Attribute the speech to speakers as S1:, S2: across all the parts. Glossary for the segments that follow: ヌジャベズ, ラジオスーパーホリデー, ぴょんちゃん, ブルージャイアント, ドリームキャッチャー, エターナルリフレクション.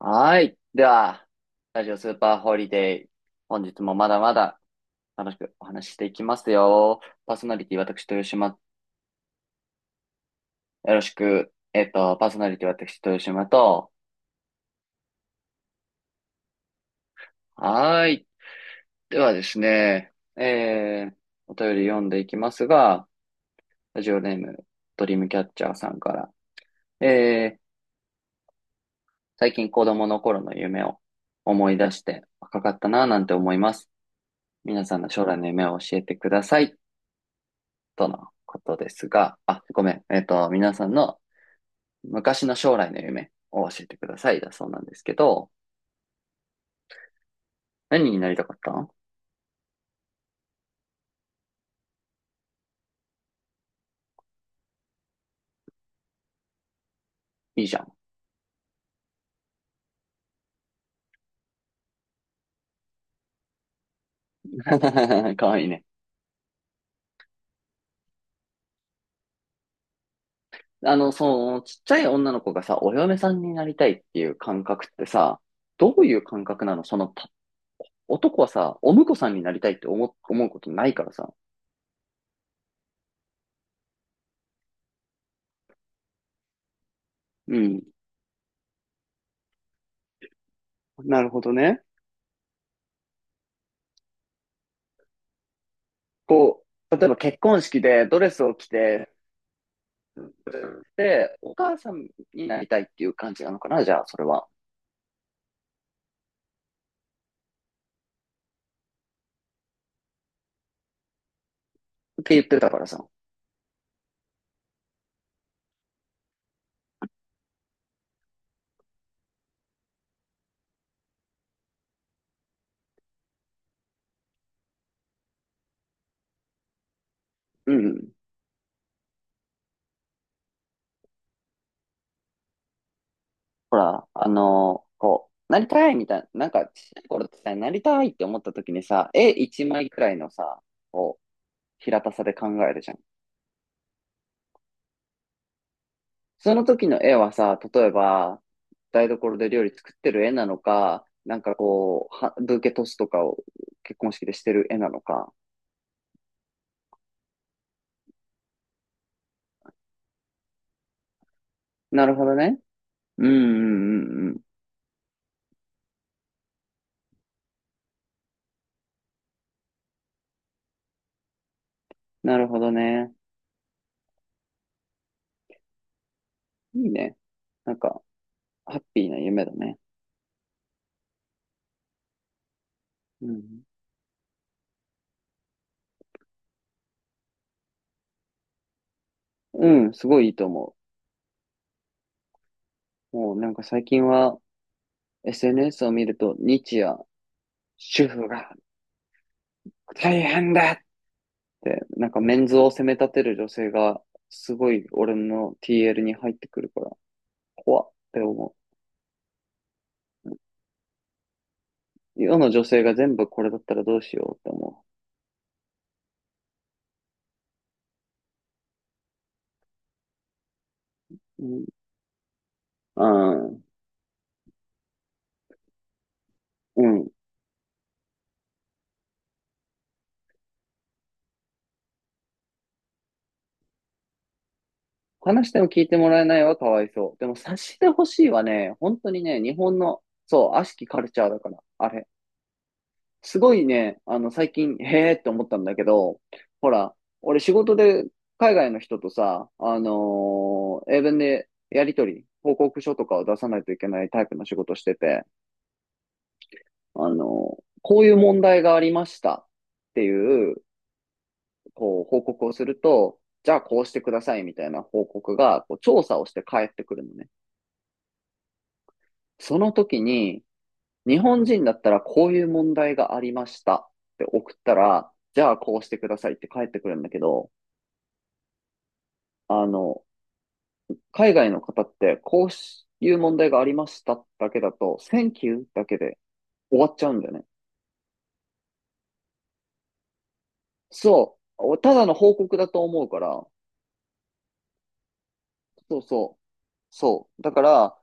S1: はい。では、ラジオスーパーホリデー。本日もまだまだ楽しくお話ししていきますよ。パーソナリティ私、豊島。よろしく。パーソナリティ私、豊島と。はい。ではですね、お便り読んでいきますが、ラジオネーム、ドリームキャッチャーさんから、えー、最近子供の頃の夢を思い出して若かったなぁなんて思います。皆さんの将来の夢を教えてください。とのことですが、あ、ごめん。皆さんの昔の将来の夢を教えてくださいだそうなんですけど、何になりたかったの。いいじゃん。かわいいね。ちっちゃい女の子がさ、お嫁さんになりたいっていう感覚ってさ、どういう感覚なの男はさ、お婿さんになりたいって思うことないからさ。うん。なるほどね。こう、例えば結婚式でドレスを着て、で、お母さんになりたいっていう感じなのかなじゃあ、それは。って言ってたからさ。うんうん。ほら、なりたいみたいな、なんか、ちっちゃい頃ってさ、なりたいって思った時にさ、絵一枚くらいのさ、を平たさで考えるじゃん。その時の絵はさ、例えば、台所で料理作ってる絵なのか、なんかこう、はブーケトスとかを結婚式でしてる絵なのか。なるほどね。うんうんうんうん。なるほどね。いいね。なんか、ハッピーな夢だね。うん。うん、すごいいいと思う。もうなんか最近は、SNS を見ると、日夜、主婦が大変だって、なんかメンズを責め立てる女性が、すごい俺の TL に入ってくるから、怖って思う。世の女性が全部これだったらどうしようって思う。うん。うん。うん。話しても聞いてもらえないはかわいそう。でも察してほしいはね、本当にね、日本の、そう、悪しきカルチャーだから、あれ。すごいね、あの、最近、へーって思ったんだけど、ほら、俺仕事で海外の人とさ、英文でやりとり、報告書とかを出さないといけないタイプの仕事してて、あのこういう問題がありましたっていう、こう、報告をすると、じゃあこうしてくださいみたいな報告が、こう、調査をして返ってくるのね。その時に、日本人だったらこういう問題がありましたって送ったら、じゃあこうしてくださいって返ってくるんだけど、あの、海外の方って、こういう問題がありましただけだと、Thank you だけで終わっちゃうんだよね。そう。ただの報告だと思うから、そうそう。そう。だから、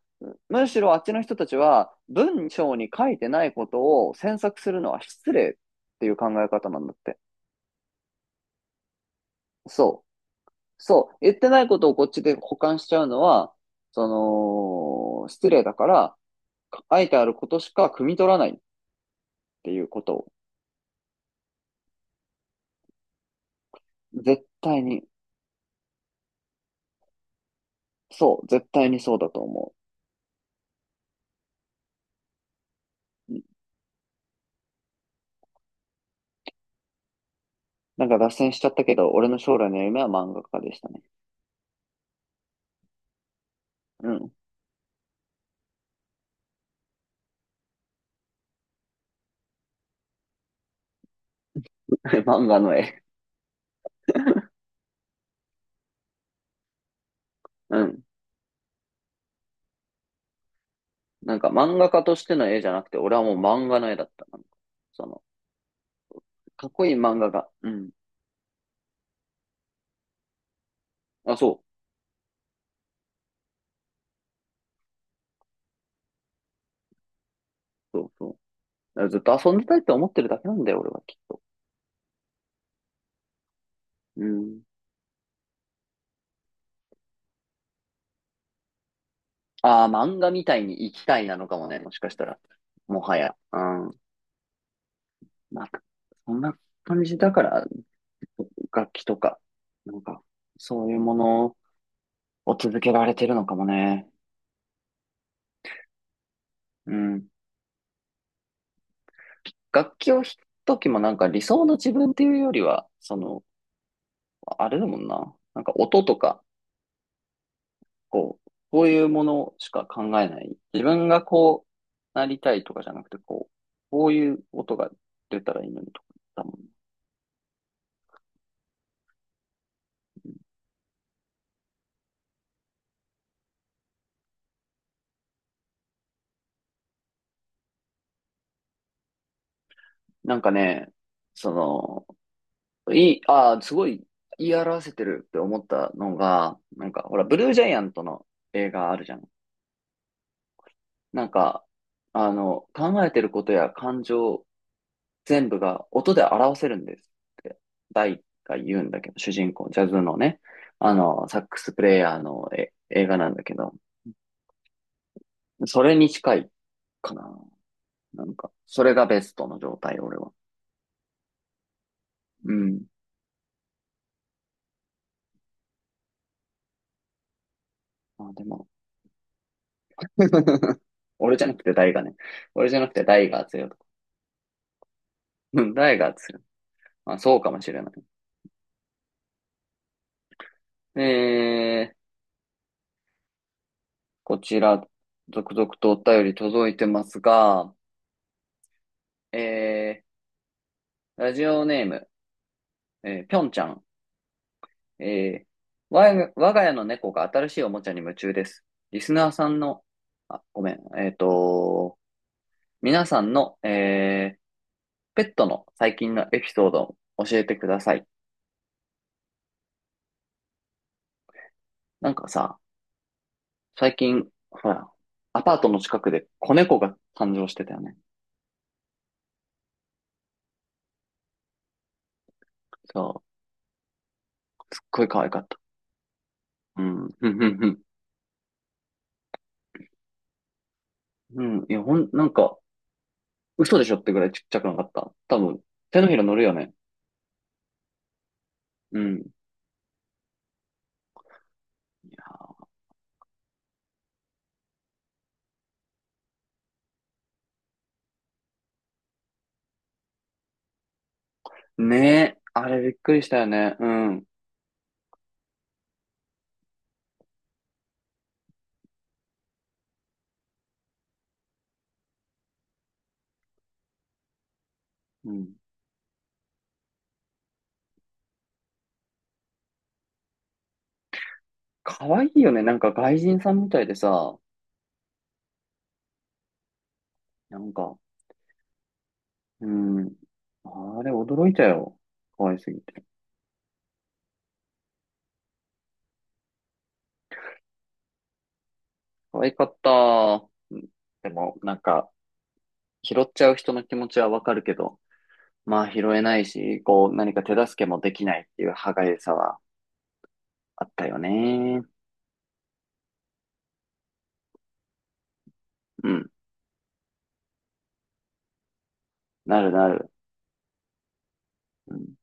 S1: むしろあっちの人たちは、文章に書いてないことを詮索するのは失礼っていう考え方なんだって。そう。そう。言ってないことをこっちで補完しちゃうのは、そ失礼だから、書いてあることしか汲み取らないっていうことを、絶対に。そう、絶対にそうだと思う。うん。なんか脱線しちゃったけど、俺の将来の夢は漫画家でしたね。うん。漫画の絵。うん。なんか漫画家としての絵じゃなくて、俺はもう漫画の絵だった。その、かっこいい漫画が。うん。あ、そう。そうそう。だからずっと遊んでたいって思ってるだけなんだよ、俺はきっと。うん。ああ、漫画みたいに生きたいなのかもね、もしかしたら。もはや。うん。まあ、そんな感じだから、楽器とか、なんか、そういうものを続けられてるのかもね。うん。楽器を弾くときもなんか理想の自分っていうよりは、あれだもんな。なんか音とか、こう、こういうものしか考えない。自分がこうなりたいとかじゃなくて、こう、こういう音が出たらいいのにとかだもんね。なんかね、その、いい、ああ、すごい言い表せてるって思ったのが、なんか、ほら、ブルージャイアントの映画あるじゃん。なんか、考えてることや感情全部が音で表せるんですって、ダイが言うんだけど、主人公、ジャズのね、サックスプレイヤーのえ映画なんだけど、それに近いかな。なんか、それがベストの状態、俺は。うん。まあでも、俺じゃなくてダイがね。俺じゃなくてダイが強いとか。うんダイが強い。まあそうかもしれない。えー、こちら、続々とお便り届いてますが、えラジオネーム、ぴょんちゃんえー、我が家の猫が新しいおもちゃに夢中です。リスナーさんの、あ、ごめん、皆さんの、ペットの最近のエピソードを教えてください。なんかさ、最近、ほら、アパートの近くで子猫が誕生してたよね。そう、すっごい可愛かった。うん、ふんふんふん。うん、いや、ほん、なんか、嘘でしょってぐらいちっちゃくなかった。多分、手のひら乗るよね。うん。いやーねえ、あれびっくりしたよね。うん。うん。可愛いよね。なんか外人さんみたいでさ、なんか、うん。あれ、驚いたよ。可愛すぎて。可愛かった。うん。でも、なんか、拾っちゃう人の気持ちはわかるけど、まあ拾えないし、こう、何か手助けもできないっていう歯がゆさはあったよね。うん。なるなる。うん。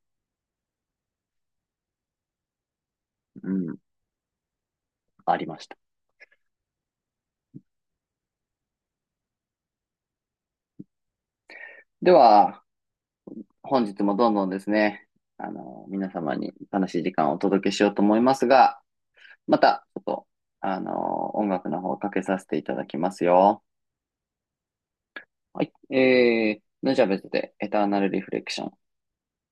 S1: うん。ありました。では、本日もどんどんですね、あの、皆様に楽しい時間をお届けしようと思いますが、また、ちょっと、あの、音楽の方かけさせていただきますよ。はい。ヌジャベズでエターナルリフレクション。